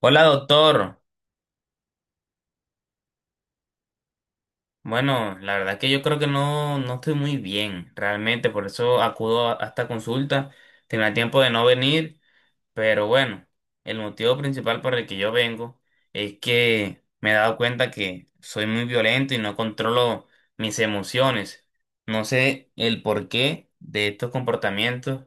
Hola, doctor. Bueno, la verdad que yo creo que no estoy muy bien, realmente, por eso acudo a esta consulta. Tenía tiempo de no venir, pero bueno, el motivo principal por el que yo vengo es que me he dado cuenta que soy muy violento y no controlo mis emociones. No sé el porqué de estos comportamientos,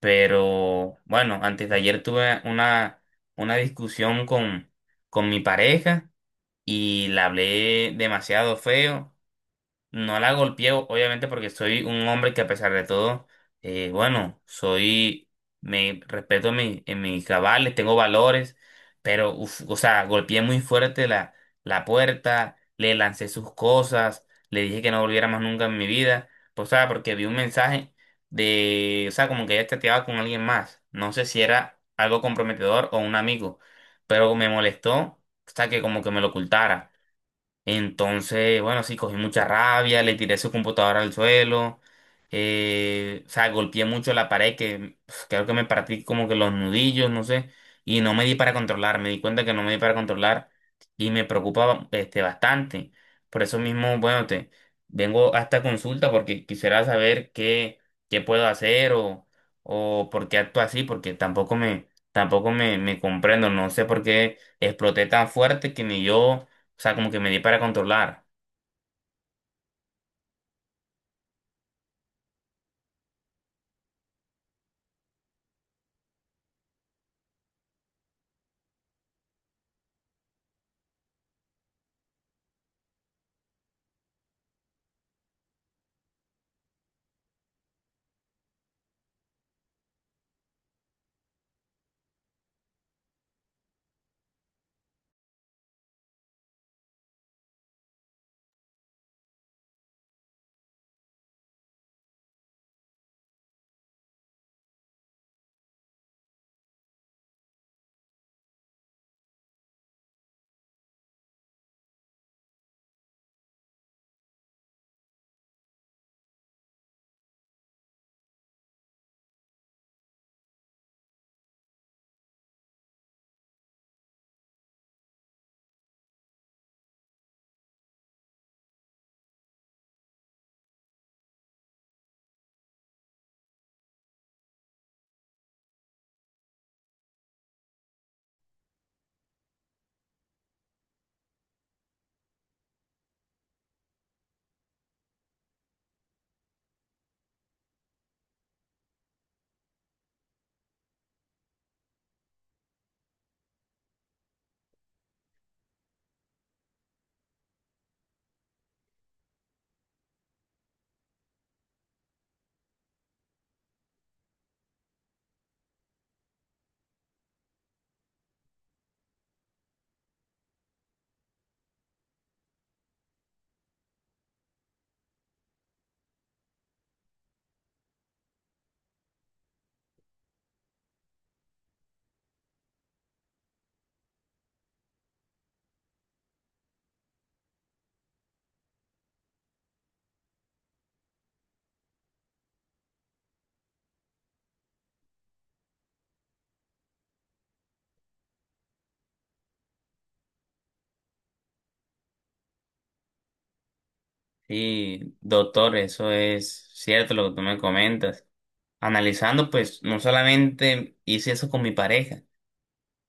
pero bueno, antes de ayer tuve una discusión con mi pareja. Y la hablé demasiado feo. No la golpeé, obviamente, porque soy un hombre que a pesar de todo, bueno, me respeto en mis cabales, tengo valores, pero, uf, o sea, golpeé muy fuerte la puerta, le lancé sus cosas, le dije que no volviera más nunca en mi vida, pues, o sea, porque vi un mensaje de, o sea, como que ella chateaba con alguien más. No sé si era algo comprometedor o un amigo, pero me molestó, o sea, que como que me lo ocultara. Entonces, bueno, sí, cogí mucha rabia, le tiré su computadora al suelo, o sea, golpeé mucho la pared que pf, creo que me partí como que los nudillos, no sé, y no me di para controlar, me di cuenta que no me di para controlar y me preocupaba este, bastante. Por eso mismo, bueno, te vengo a esta consulta porque quisiera saber qué puedo hacer o por qué actúo así, porque tampoco me comprendo, no sé por qué exploté tan fuerte que ni yo, o sea, como que me di para controlar. Sí, doctor, eso es cierto lo que tú me comentas. Analizando, pues, no solamente hice eso con mi pareja.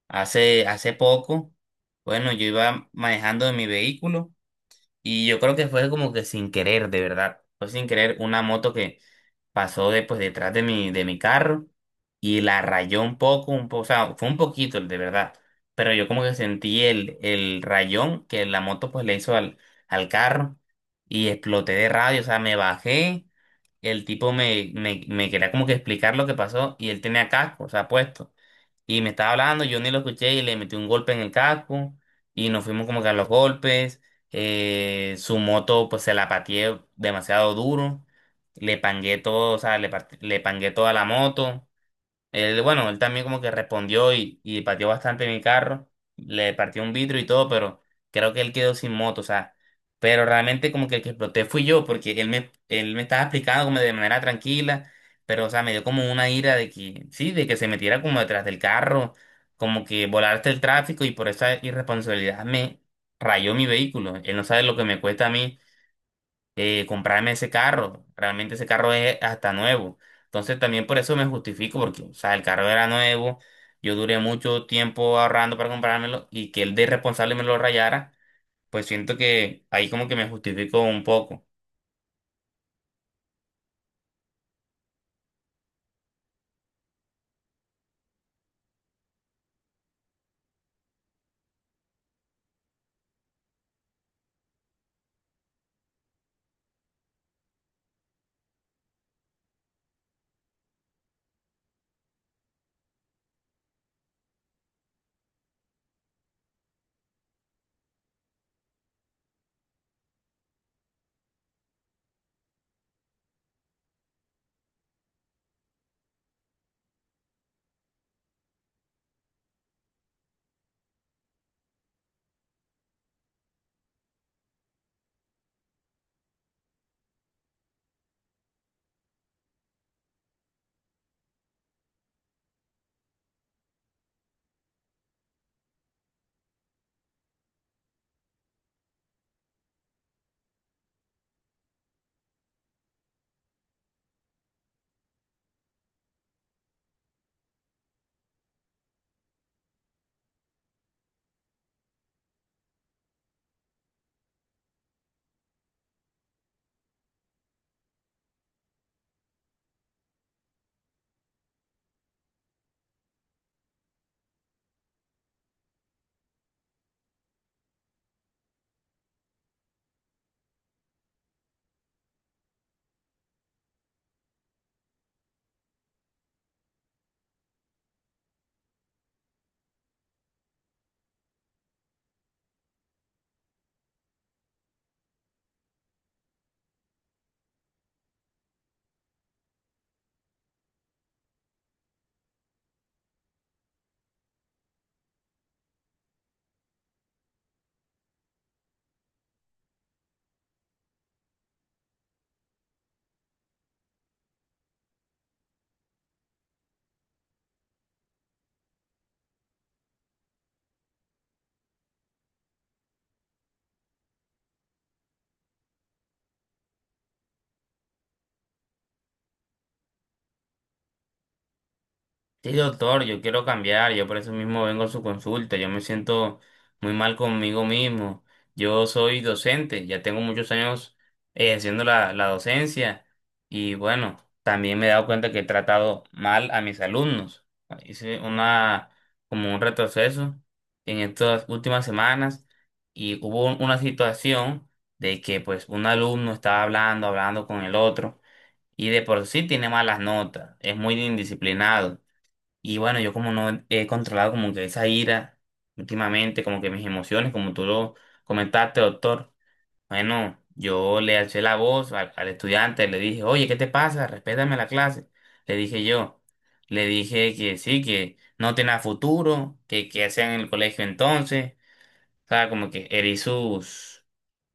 Hace poco, bueno, yo iba manejando en mi vehículo y yo creo que fue como que sin querer, de verdad. Fue sin querer una moto que pasó de, pues, detrás de mi carro y la rayó un poco, o sea, fue un poquito, de verdad. Pero yo como que sentí el rayón que la moto pues le hizo al carro y exploté de radio, o sea, me bajé, el tipo me quería como que explicar lo que pasó y él tenía casco, o sea, puesto. Y me estaba hablando, yo ni lo escuché y le metí un golpe en el casco y nos fuimos como que a los golpes. Su moto pues se la pateé demasiado duro, le pangué todo, o sea, le pangué toda la moto. Él, bueno, él también como que respondió y pateó bastante mi carro, le partió un vidrio y todo, pero creo que él quedó sin moto, o sea, pero realmente como que el que exploté fui yo, porque él me estaba explicando como de manera tranquila, pero o sea, me dio como una ira de que, sí, de que se metiera como detrás del carro, como que volaste el tráfico y por esa irresponsabilidad me rayó mi vehículo, él no sabe lo que me cuesta a mí, comprarme ese carro. Realmente ese carro es hasta nuevo. Entonces también por eso me justifico, porque, o sea, el carro era nuevo, yo duré mucho tiempo ahorrando para comprármelo y que él de irresponsable me lo rayara, pues siento que ahí como que me justifico un poco. Sí, doctor, yo quiero cambiar, yo por eso mismo vengo a su consulta, yo me siento muy mal conmigo mismo, yo soy docente, ya tengo muchos años ejerciendo la docencia y bueno, también me he dado cuenta que he tratado mal a mis alumnos, hice como un retroceso en estas últimas semanas y hubo una situación de que pues un alumno estaba hablando con el otro y de por sí tiene malas notas, es muy indisciplinado. Y bueno, yo como no he controlado como que esa ira últimamente, como que mis emociones, como tú lo comentaste, doctor, bueno, yo le alcé la voz al estudiante, le dije, oye, ¿qué te pasa? Respétame la clase. Le dije yo, le dije que sí, que no tenía futuro, que qué hacían en el colegio entonces, o sea, como que herí sus,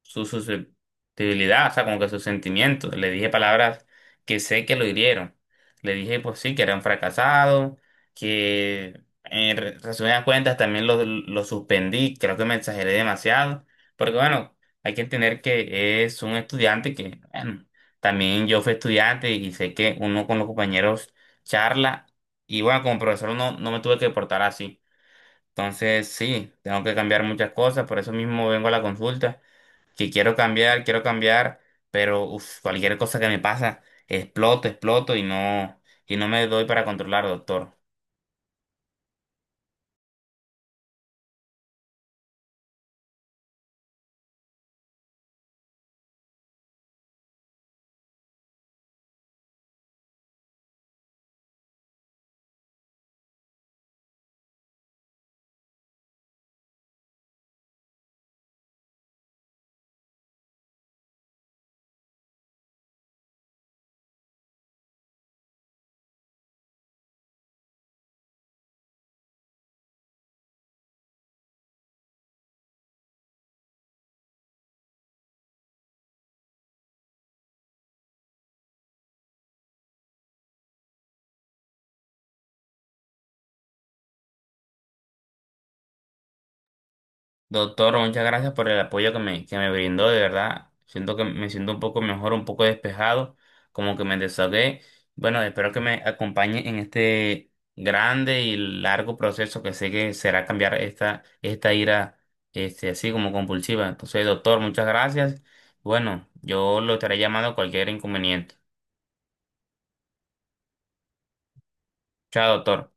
su susceptibilidad, o sea, como que sus sentimientos. Le dije palabras que sé que lo hirieron. Le dije, pues sí, que era un fracasado, que en resumidas cuentas también lo suspendí, creo que me exageré demasiado. Porque bueno, hay que entender que es un estudiante que, bueno, también yo fui estudiante y sé que uno con los compañeros charla. Y bueno, como profesor no me tuve que portar así. Entonces, sí, tengo que cambiar muchas cosas, por eso mismo vengo a la consulta, que quiero cambiar, pero uf, cualquier cosa que me pasa, exploto, exploto y no me doy para controlar, doctor. Doctor, muchas gracias por el apoyo que me brindó, de verdad. Siento que me siento un poco mejor, un poco despejado, como que me desahogué. Bueno, espero que me acompañe en este grande y largo proceso que sé que será cambiar esta ira, este, así como compulsiva. Entonces, doctor, muchas gracias. Bueno, yo lo estaré llamando cualquier inconveniente. Chao, doctor.